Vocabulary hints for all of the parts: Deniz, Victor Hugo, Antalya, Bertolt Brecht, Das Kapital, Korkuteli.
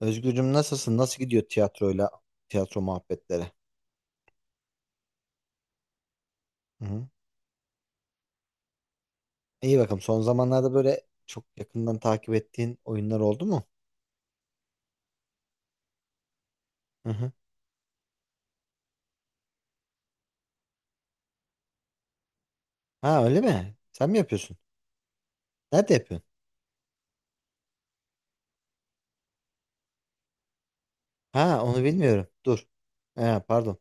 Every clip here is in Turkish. Özgürcüm, nasılsın? Nasıl gidiyor tiyatro muhabbetleri? Hı hı. İyi bakalım. Son zamanlarda böyle çok yakından takip ettiğin oyunlar oldu mu? Hı hı. Ha, öyle mi? Sen mi yapıyorsun? Nerede yapıyorsun? Ha, onu bilmiyorum. Dur. Ha, pardon.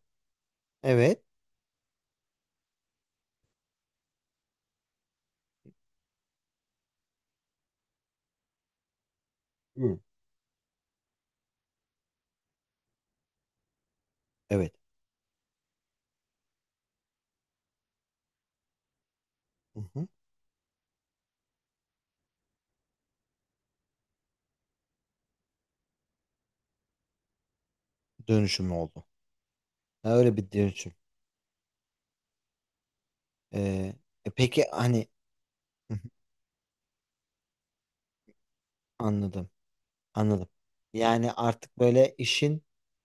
Evet. Hı. Evet. Hı hı. Dönüşüm oldu. Ha, öyle bir dönüşüm. Ee, peki hani. Hı hı. Anladım. Anladım. Yani artık böyle işin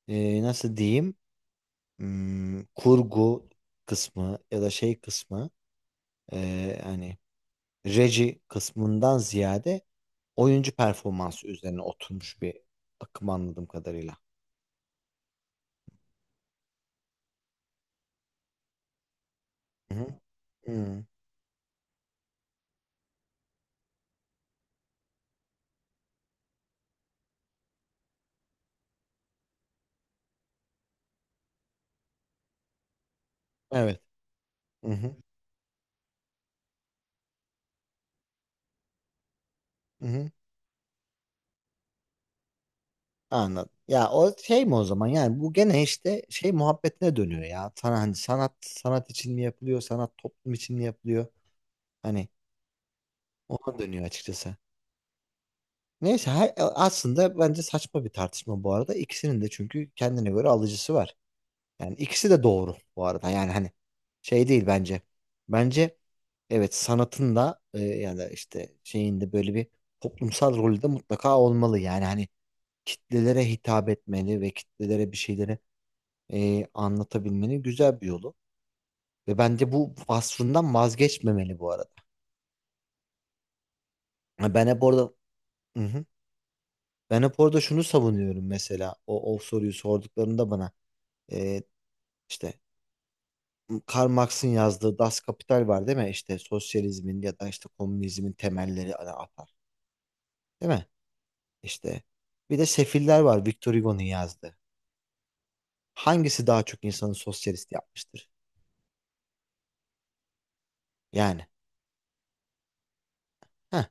nasıl diyeyim? Kurgu kısmı ya da şey kısmı, hani reji kısmından ziyade oyuncu performansı üzerine oturmuş bir akım anladığım kadarıyla. Hı hı. Hı. Evet. Hı hı. Hı hı. Anladım. Ya, o şey mi o zaman, yani bu gene işte şey muhabbetine dönüyor ya. Sana hani sanat sanat için mi yapılıyor, sanat toplum için mi yapılıyor? Hani ona dönüyor açıkçası. Neyse, aslında bence saçma bir tartışma bu arada. İkisinin de çünkü kendine göre alıcısı var. Yani ikisi de doğru bu arada. Yani hani şey değil bence. Bence evet, sanatın da, ya da işte şeyin de böyle bir toplumsal rolü de mutlaka olmalı. Yani hani kitlelere hitap etmeli ve kitlelere bir şeyleri anlatabilmenin güzel bir yolu. Ve bence bu vasfından vazgeçmemeli bu arada. Ha, Ben hep orada Hı hı. Ben hep orada şunu savunuyorum mesela. O soruyu sorduklarında bana, e, işte Karl Marx'ın yazdığı Das Kapital var değil mi? İşte sosyalizmin ya da işte komünizmin temelleri ana atar. Değil mi? İşte bir de Sefiller var, Victor Hugo'nun yazdığı. Hangisi daha çok insanı sosyalist yapmıştır? Yani. Heh.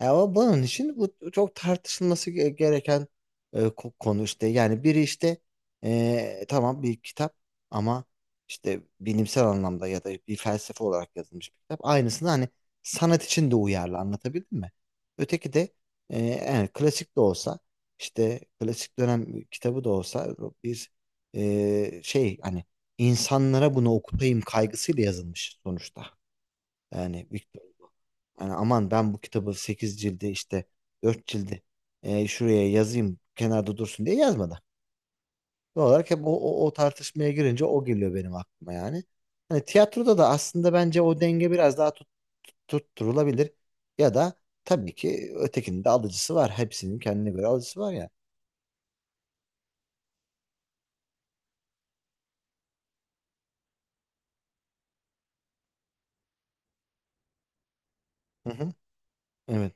O bunun için bu çok tartışılması gereken konu işte. Yani biri işte, tamam, bir kitap ama işte bilimsel anlamda ya da bir felsefe olarak yazılmış bir kitap. Aynısını hani sanat için de uyarlı anlatabildim mi? Öteki de, yani klasik de olsa, işte klasik dönem kitabı da olsa, bir şey, hani insanlara bunu okutayım kaygısıyla yazılmış sonuçta. Yani Victor Hugo. Yani aman, ben bu kitabı 8 cildi işte 4 cildi şuraya yazayım, kenarda dursun diye yazmadı. Doğal olarak hep o tartışmaya girince o geliyor benim aklıma yani. Hani tiyatroda da aslında bence o denge biraz daha tutturulabilir. Ya da tabii ki ötekinin de alıcısı var. Hepsinin kendine göre alıcısı var ya. Hı hı. Evet.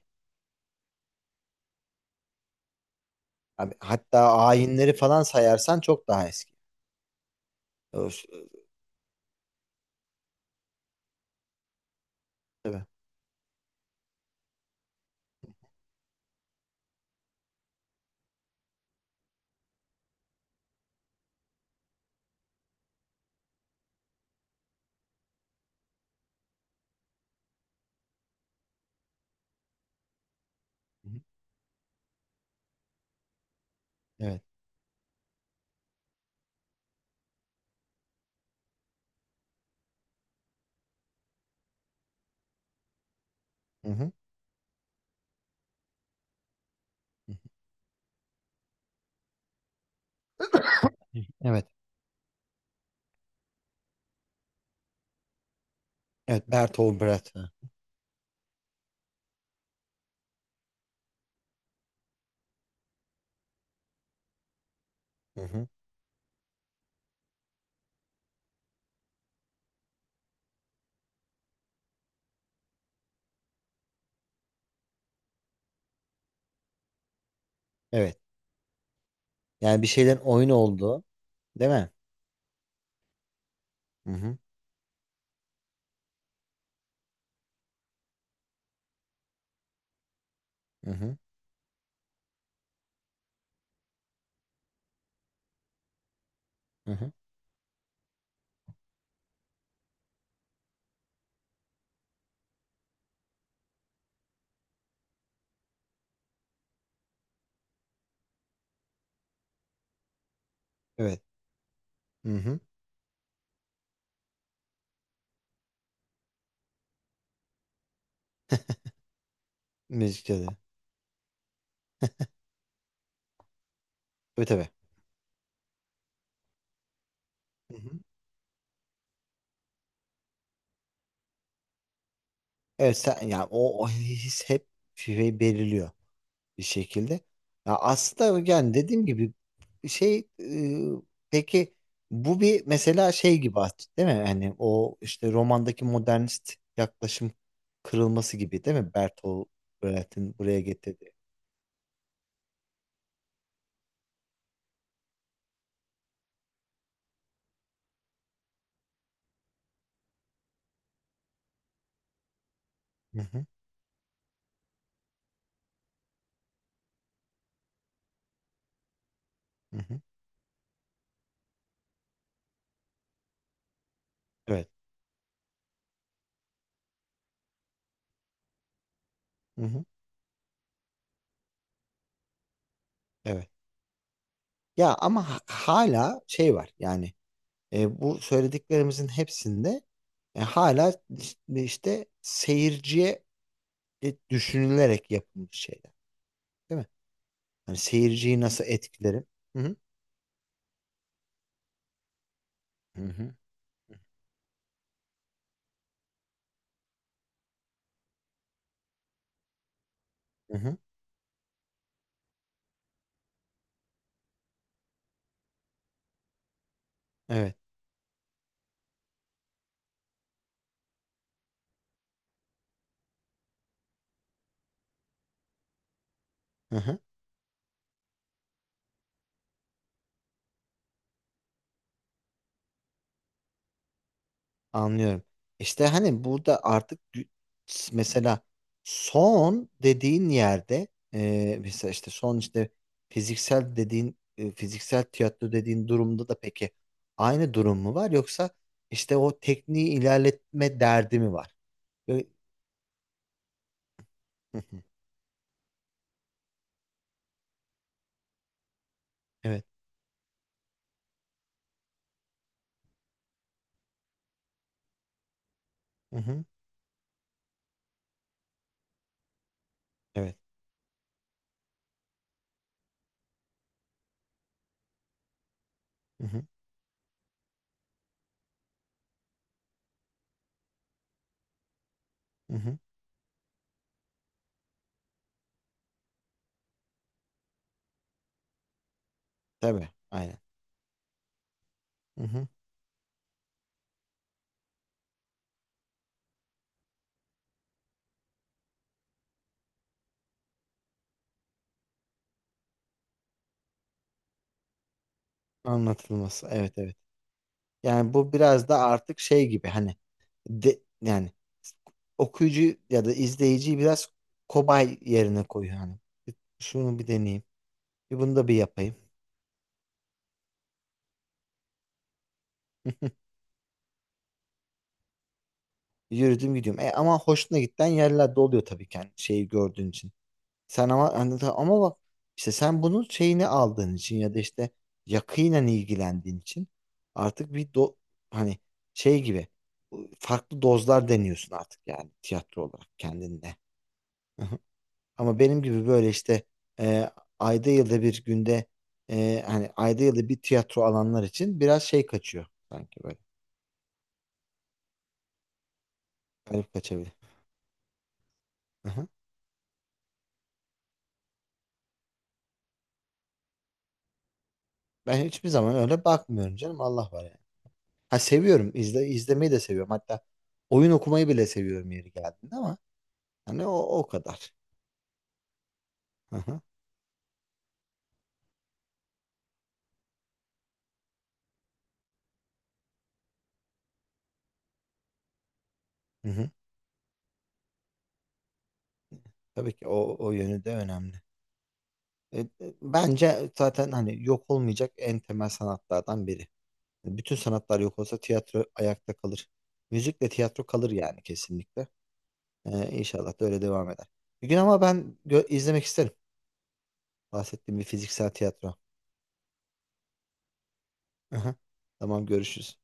Abi, hatta ayinleri falan sayarsan çok daha eski. Ö- Evet. Hı hı. Evet. Hı hı. Hı. Evet. Evet. Bertolt Brecht. Hı hı. Evet. Yani bir şeylerin oyun olduğu, değil mi? Hı hı. Hı hı. Hı hı. Evet. Hı hı. Müzikte de. Tabii, tabii. Hı hı. Evet, sen ya, o his hep şey belirliyor bir şekilde. Ya, aslında yani dediğim gibi şey, peki bu bir mesela şey gibi aslında, değil mi? Hani o işte romandaki modernist yaklaşım kırılması gibi değil mi? Bertolt Brecht'in buraya getirdiği. Hı hı. Hı hı. Evet. Hı hı. Evet. Ya ama hala şey var yani, bu söylediklerimizin hepsinde hala işte seyirciye düşünülerek yapılmış şeyler. Değil mi? Hani seyirciyi nasıl etkilerim? Hı hı. Hı hı. Hı hı. Evet. Hı hı. Anlıyorum. İşte hani burada artık mesela son dediğin yerde, mesela işte son işte fiziksel tiyatro dediğin durumda da peki aynı durum mu var, yoksa işte o tekniği ilerletme derdi mi var? Böyle- Hı hı. Evet. Hı hı. Evet. Hı hı. Hı hı. Tabii. Aynen. Hı hı. Anlatılması. Evet, evet. Yani bu biraz da artık şey gibi hani, de yani okuyucu ya da izleyiciyi biraz kobay yerine koyuyor hani. Şunu bir deneyeyim. Bir bunu da bir yapayım. Yürüdüm gidiyorum. Ama hoşuna giden yerler de oluyor tabii ki, hani şeyi gördüğün için. Sen ama hani ama bak, işte sen bunun şeyini aldığın için ya da işte yakinen ilgilendiğin için artık bir do hani şey gibi farklı dozlar deniyorsun artık, yani tiyatro olarak kendinde. Ama benim gibi böyle işte, e, ayda yılda bir günde hani ayda yılda bir tiyatro alanlar için biraz şey kaçıyor sanki böyle. Garip kaçabilir. Aha. Ben hiçbir zaman öyle bakmıyorum canım, Allah var yani. Ha, seviyorum, izlemeyi de seviyorum, hatta oyun okumayı bile seviyorum yeri geldiğinde, ama hani o kadar. Aha. Hı hı. Tabii ki o yönü de önemli. E, e, Bence zaten hani yok olmayacak en temel sanatlardan biri. Bütün sanatlar yok olsa tiyatro ayakta kalır. Müzikle tiyatro kalır yani, kesinlikle. İnşallah da öyle devam eder. Bir gün ama ben izlemek isterim. Bahsettiğim bir fiziksel tiyatro. Aha. Tamam, görüşürüz.